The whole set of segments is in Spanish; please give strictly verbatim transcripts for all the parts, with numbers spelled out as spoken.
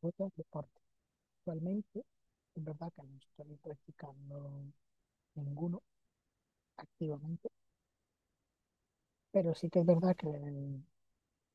Otras deportes. Actualmente, es verdad que no estoy practicando ninguno activamente, pero sí que es verdad que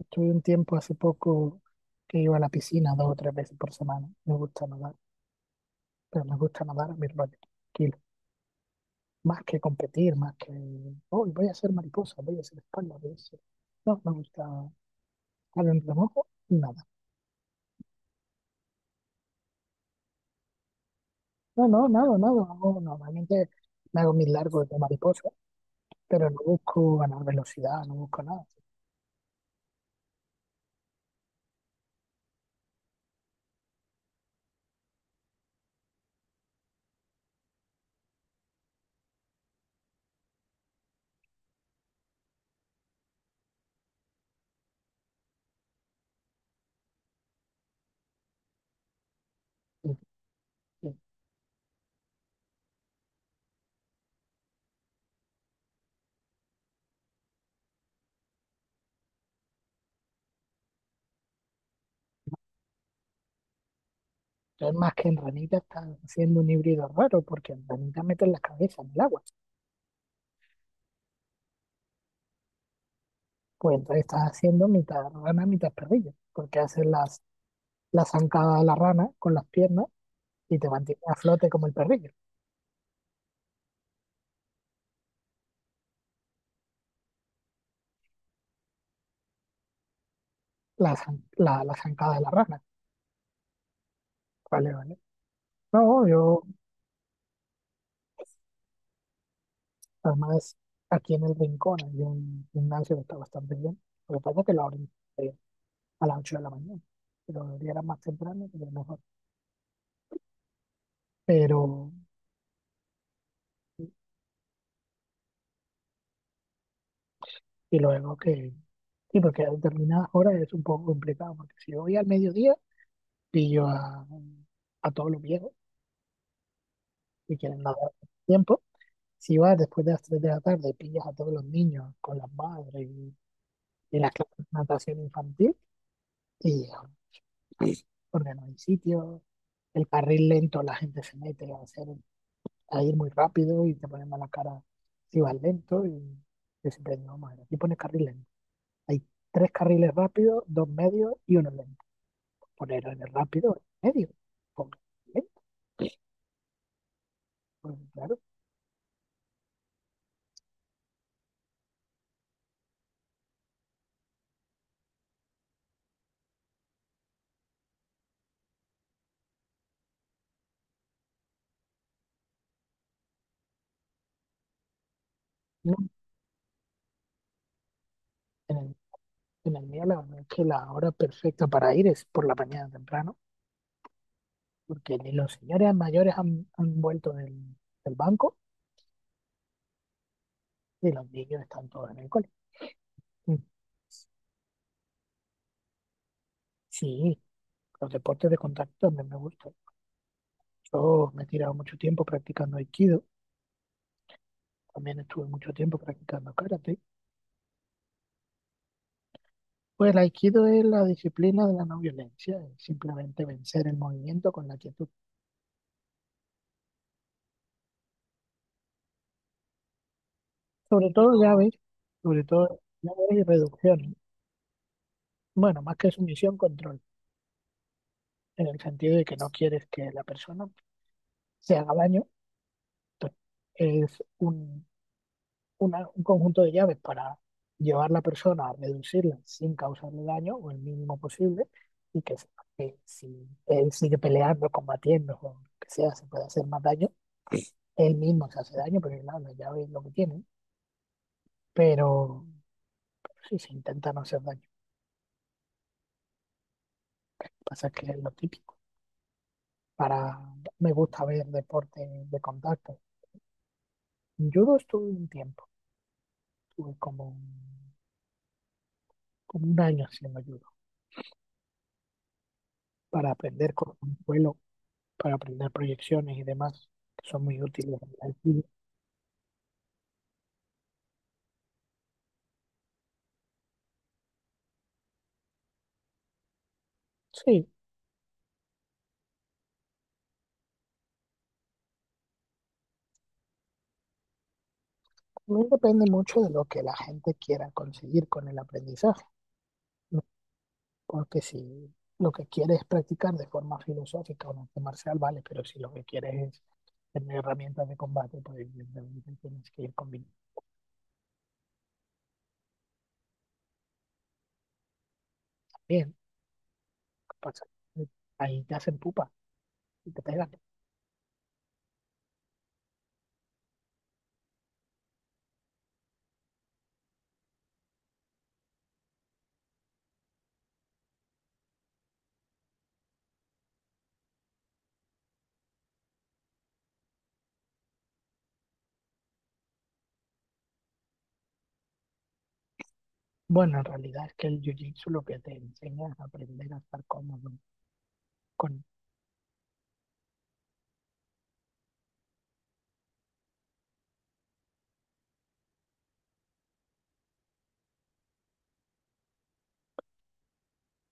estuve un tiempo hace poco que iba a la piscina dos o tres veces por semana. Me gusta nadar, pero me gusta nadar a mi rollo, tranquilo. Más que competir, más que, hoy voy a ser mariposa, voy a ser espalda, voy a ser-". No, me gusta al remojo, nada. No, no, nada, nada. Hago- normalmente me hago mis largos de mariposa, pero no busco ganar velocidad, no busco nada. Entonces, más que en ranita, estás haciendo un híbrido raro, porque en ranita meten la cabeza en el agua. Pues entonces estás haciendo mitad rana, mitad perrillo, porque haces las, la zancada de la rana con las piernas y te mantiene a flote como el perrillo. La, zan- la, la zancada de la rana. Vale, vale. No, yo, además, aquí en el rincón hay un gimnasio que está bastante bien. Lo que pasa es que la orilla a las ocho de la mañana, pero debería era más temprano, pero mejor. Pero, y luego que, sí, porque a determinadas horas es un poco complicado, porque si voy al mediodía, pillo a, a todos los viejos que quieren nadar a tiempo. Si vas después de las tres de la tarde, pillas a todos los niños con las madres y, y las clases de natación infantil, y sí, porque no hay sitio, el carril lento, la gente se mete a hacer, a ir muy rápido y te ponen mala cara si vas lento y... Yo siempre digo, madre, aquí pone carril lento. Hay tres carriles rápidos, dos medios y uno lento. Poner en el rápido en el medio. Ponlo en el lento, pues, claro. No, en el, en el mío la verdad es que la hora perfecta para ir es por la mañana temprano, porque ni los señores mayores han, han vuelto del, del banco y los niños están todos en el cole. Mm. Sí, los deportes de contacto también me gustan. Yo me he tirado mucho tiempo practicando aikido, también estuve mucho tiempo practicando karate. Pues el aikido es la disciplina de la no violencia, es simplemente vencer el movimiento con la quietud. Sobre todo llaves, sobre todo llaves y reducciones. Bueno, más que sumisión, control, en el sentido de que no quieres que la persona se haga daño. Entonces, es un, una- un conjunto de llaves para llevar la persona a reducirla sin causarle daño o el mínimo posible y que, sepa que si él sigue peleando, combatiendo o lo que sea, se puede hacer más daño. Él mismo se hace daño, pero claro, las llaves es lo que tiene. Pero sí se intenta no hacer daño. Pasa que es lo típico. Para, me gusta ver deporte de contacto. Judo estuve un tiempo, estuve como, como un año haciendo judo para aprender con un vuelo, para aprender proyecciones y demás, que son muy útiles en el judo. Sí, también depende mucho de lo que la gente quiera conseguir con el aprendizaje. Porque si lo que quieres es practicar de forma filosófica o un arte marcial, vale, pero si lo que quieres es tener herramientas de combate, pues evidentemente tienes que ir combinando bien. ¿Qué pasa? Ahí te hacen pupa y te pegan. Bueno, en realidad es que el jiu-jitsu lo que te enseña es aprender a estar cómodo. Con...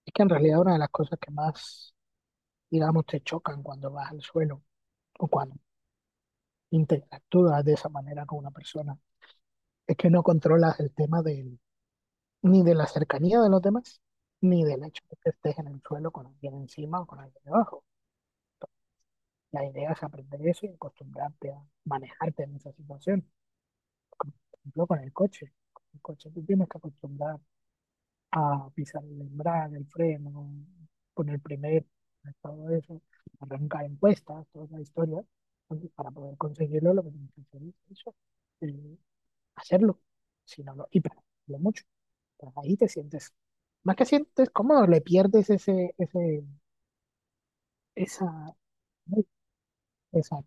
Es que en realidad una de las cosas que más, digamos, te chocan cuando vas al suelo o cuando interactúas de esa manera con una persona es que no controlas el tema del ni de la cercanía de los demás, ni del hecho de que estés en el suelo con alguien encima o con alguien debajo. La idea es aprender eso y acostumbrarte a manejarte en esa situación. Como, por ejemplo, con el coche. Con el coche tú tienes que acostumbrar a pisar el embrague, el freno, poner primero, todo eso, arrancar encuestas, toda la historia. Entonces, para poder conseguirlo, lo que tienes que hacer es eso, eh, hacerlo, si no lo, y practicarlo mucho. Ahí te sientes, más que sientes cómodo, le pierdes ese, ese, esa, esa,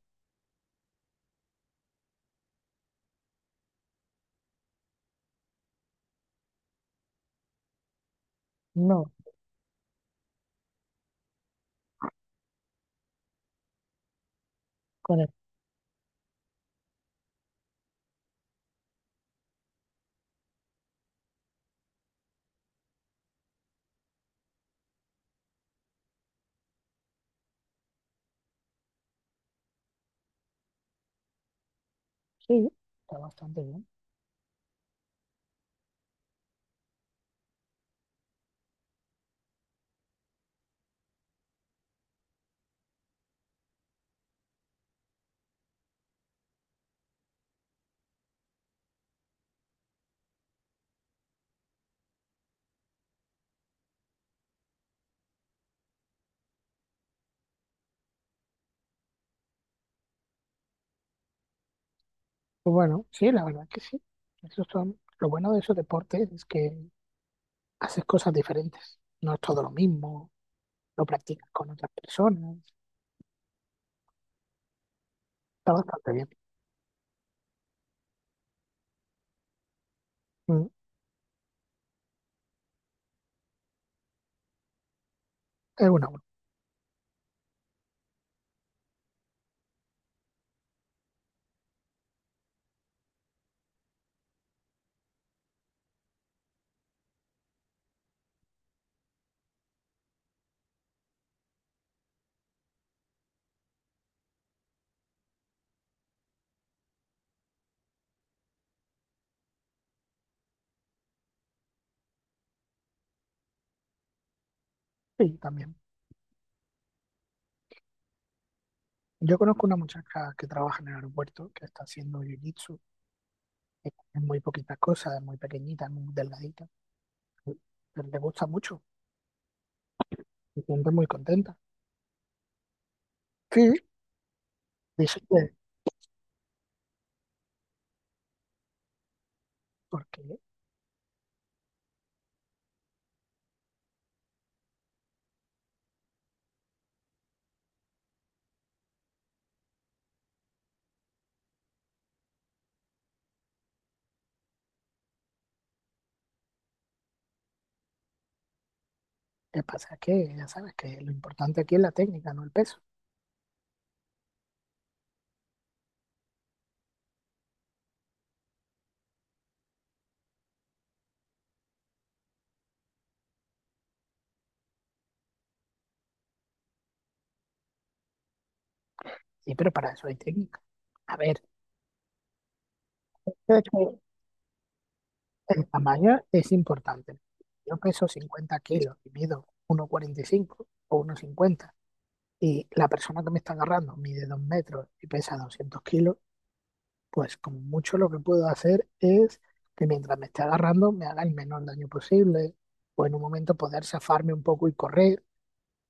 no, con el, sí, está bastante bien. Pues bueno, sí, la verdad que sí. Eso son, lo bueno de esos deportes es que haces cosas diferentes, no es todo lo mismo, lo practicas con otras personas, está bastante bien. Mm. Es una buena, sí, también. Yo conozco una muchacha que trabaja en el aeropuerto, que está haciendo jiu-jitsu, es muy poquitas cosas, es muy pequeñita, muy delgadita, pero le gusta mucho, se siente muy contenta. Sí, dice que, porque lo que pasa es que ya sabes que lo importante aquí es la técnica, no el peso. Sí, pero para eso hay técnica. A ver, de hecho, el tamaño es importante. Yo peso cincuenta kilos y mido uno cuarenta y cinco o uno cincuenta y la persona que me está agarrando mide dos metros y pesa doscientos kilos, pues como mucho lo que puedo hacer es que mientras me esté agarrando me haga el menor daño posible o en un momento poder zafarme un poco y correr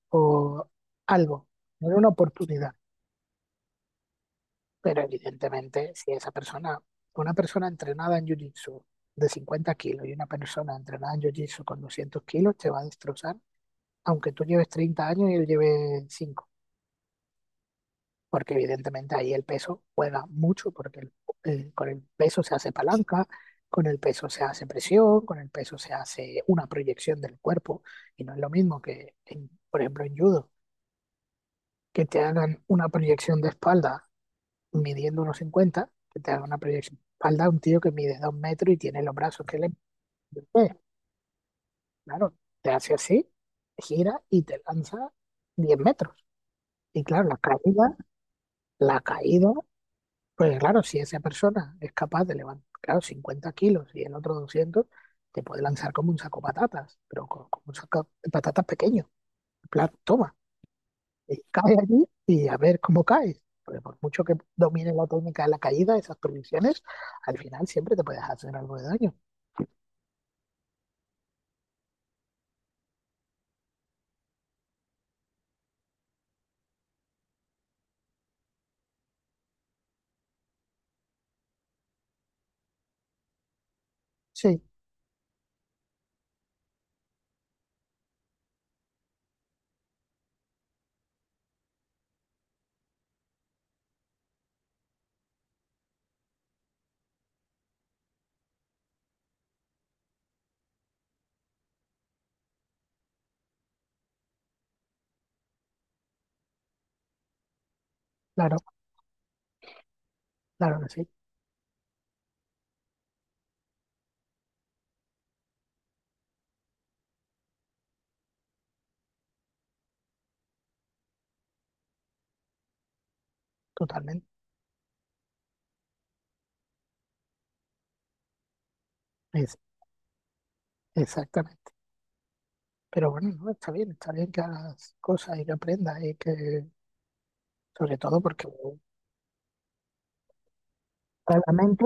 o algo, era una oportunidad. Pero evidentemente, si esa persona, una persona entrenada en jiu-jitsu de cincuenta kilos y una persona entrenada en jiu-jitsu con doscientos kilos, te va a destrozar, aunque tú lleves treinta años y él lleve cinco, porque evidentemente ahí el peso juega mucho, porque el- el- con el peso se hace palanca, con el peso se hace presión, con el peso se hace una proyección del cuerpo, y no es lo mismo que, en- por ejemplo, en judo, que te hagan una proyección de espalda midiendo unos cincuenta que te da una proyección de espalda, un tío que mide dos metros y tiene los brazos que le... Pues, claro, te hace así, gira y te lanza diez metros. Y claro, la caída, la caída, pues claro, si esa persona es capaz de levantar, claro, cincuenta kilos y el otro doscientos te puede lanzar como un saco de patatas, pero co- como un saco de patatas pequeño. En plan, toma, eh, cae allí y a ver cómo caes. Porque por mucho que domines la técnica de la caída, esas prohibiciones, al final siempre te puedes hacer algo de daño. Sí, claro, claro que sí, totalmente. Es, exactamente. Pero bueno, no, está bien, está bien que hagas cosas y que aprendas y que, sobre todo porque claramente,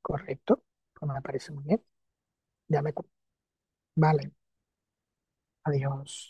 correcto, pues me parece muy bien. Ya me, cu- vale, adiós.